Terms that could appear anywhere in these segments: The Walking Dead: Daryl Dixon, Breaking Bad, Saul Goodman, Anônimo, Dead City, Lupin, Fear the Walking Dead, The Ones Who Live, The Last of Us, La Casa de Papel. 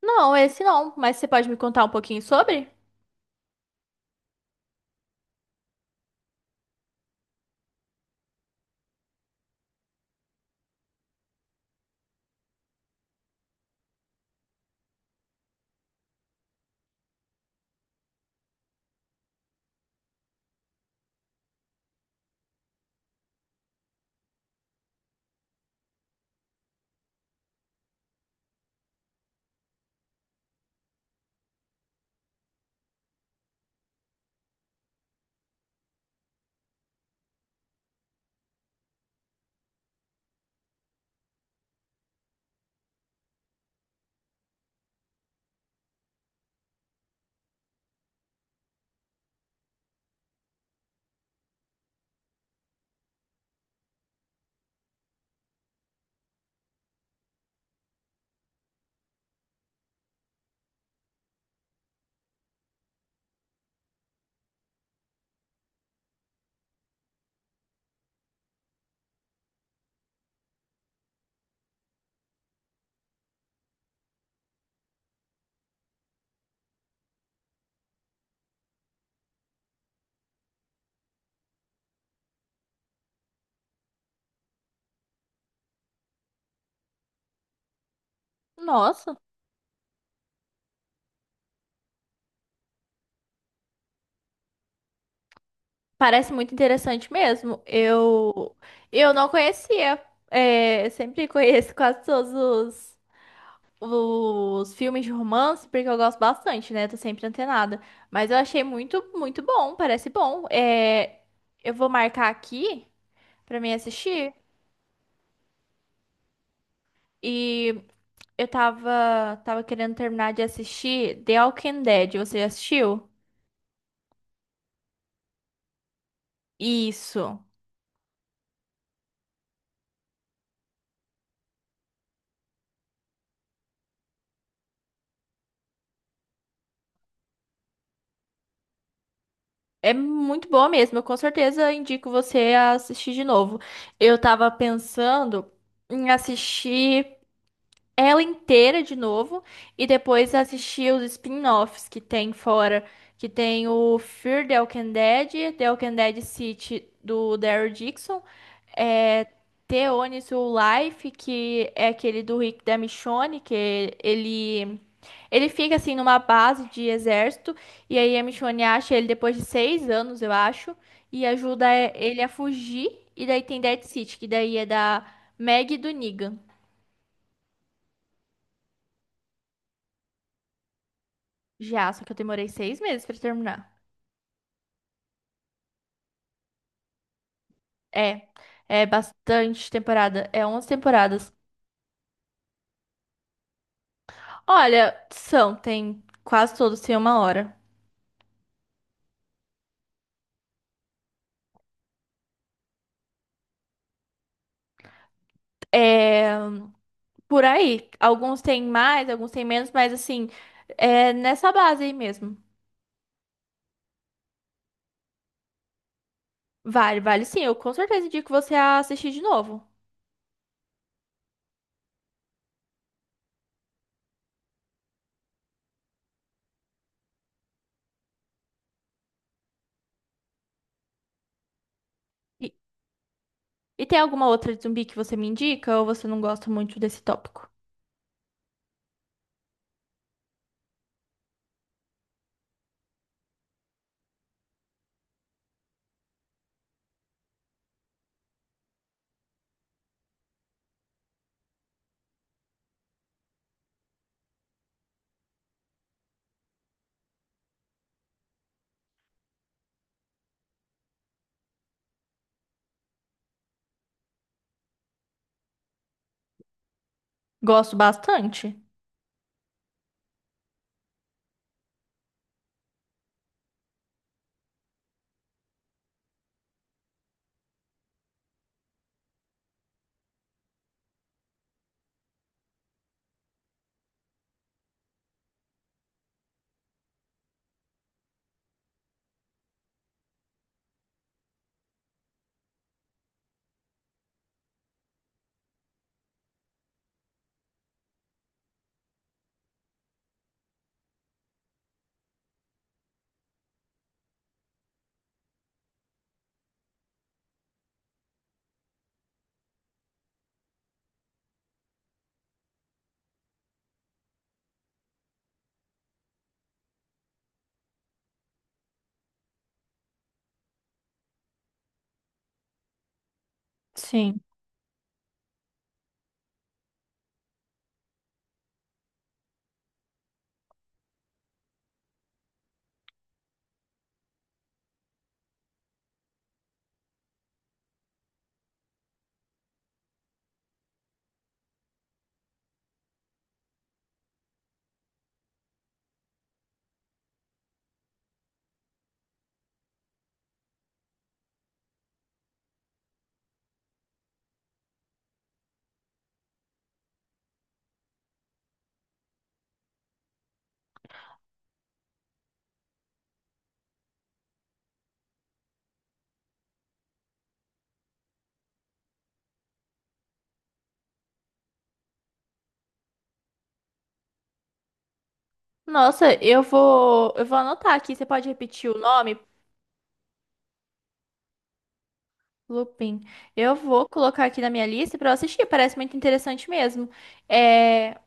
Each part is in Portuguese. Não, esse não, mas você pode me contar um pouquinho sobre? Nossa, parece muito interessante mesmo. Eu não conhecia. É, eu sempre conheço quase os filmes de romance, porque eu gosto bastante, né? Tô sempre antenada. Mas eu achei muito, muito bom, parece bom. É, eu vou marcar aqui pra mim assistir. E eu tava querendo terminar de assistir The Walking Dead. Você já assistiu? Isso. É muito boa mesmo, eu com certeza indico você a assistir de novo. Eu tava pensando em assistir ela inteira de novo e depois assistir os spin-offs que tem fora, que tem o Fear the Walking Dead, The Walking Dead City do Daryl Dixon, é, The Onis Who Life, que é aquele do Rick da Michonne, que ele fica assim numa base de exército e aí a Michonne acha ele depois de 6 anos, eu acho, e ajuda ele a fugir. E daí tem Dead City, que daí é da Maggie e do Negan. Já, só que eu demorei 6 meses pra terminar. É, é bastante temporada. É 11 temporadas. Olha, são, tem quase todos têm 1 hora. É, por aí. Alguns têm mais, alguns têm menos, mas assim, é nessa base aí mesmo. Vale, vale sim. Eu com certeza indico você a assistir de novo. E, e tem alguma outra de zumbi que você me indica ou você não gosta muito desse tópico? Gosto bastante. Sim. Nossa, eu vou anotar aqui. Você pode repetir o nome? Lupin. Eu vou colocar aqui na minha lista pra eu assistir, parece muito interessante mesmo. É,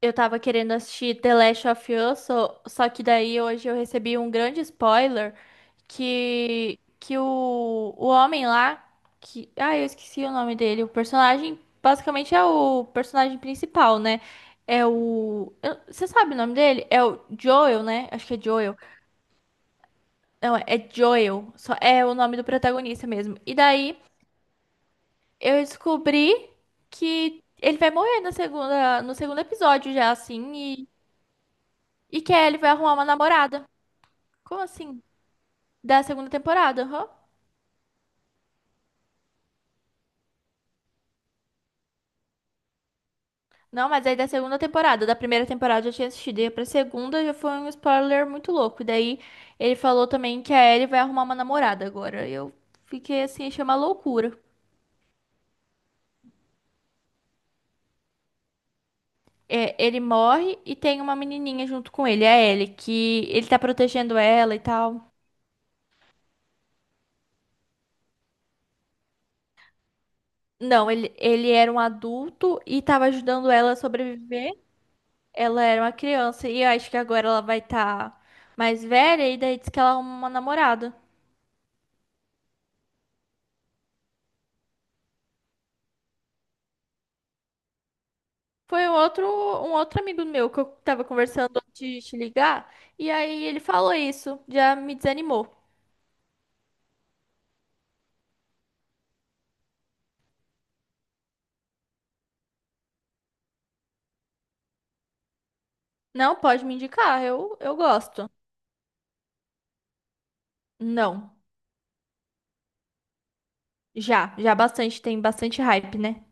eu tava querendo assistir The Last of Us, só que daí hoje eu recebi um grande spoiler que o homem lá, que, ah, eu esqueci o nome dele, o personagem, basicamente é o personagem principal, né? É você sabe o nome dele? É o Joel, né? Acho que é Joel. Não, é Joel, só é o nome do protagonista mesmo. E daí eu descobri que ele vai morrer na no segundo episódio já, assim, e que a Ellie vai arrumar uma namorada. Como assim? Da segunda temporada, aham. Não, mas aí da segunda temporada, da primeira temporada eu já tinha assistido, e pra segunda já foi um spoiler muito louco. E daí ele falou também que a Ellie vai arrumar uma namorada agora. Eu fiquei assim, achei uma loucura. É, ele morre e tem uma menininha junto com ele, a Ellie, que ele tá protegendo ela e tal. Não, ele era um adulto e estava ajudando ela a sobreviver. Ela era uma criança e eu acho que agora ela vai estar mais velha e daí diz que ela é uma namorada. Foi um outro amigo meu que eu tava conversando antes de te ligar e aí ele falou isso, já me desanimou. Não, pode me indicar, eu gosto. Não, já bastante, tem bastante hype, né?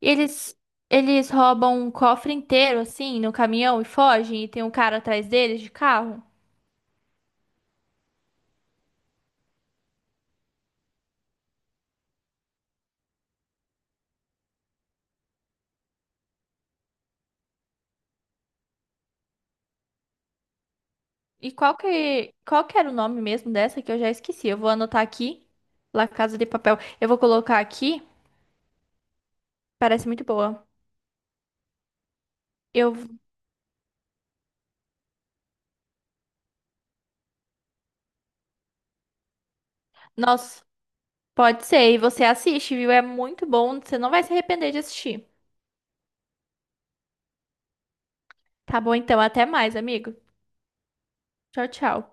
E eles roubam um cofre inteiro assim no caminhão e fogem e tem um cara atrás deles de carro. E qual que era o nome mesmo dessa que eu já esqueci? Eu vou anotar aqui. La Casa de Papel. Eu vou colocar aqui. Parece muito boa. Eu, nossa, pode ser. E você assiste, viu? É muito bom. Você não vai se arrepender de assistir. Tá bom, então. Até mais, amigo. Tchau, tchau.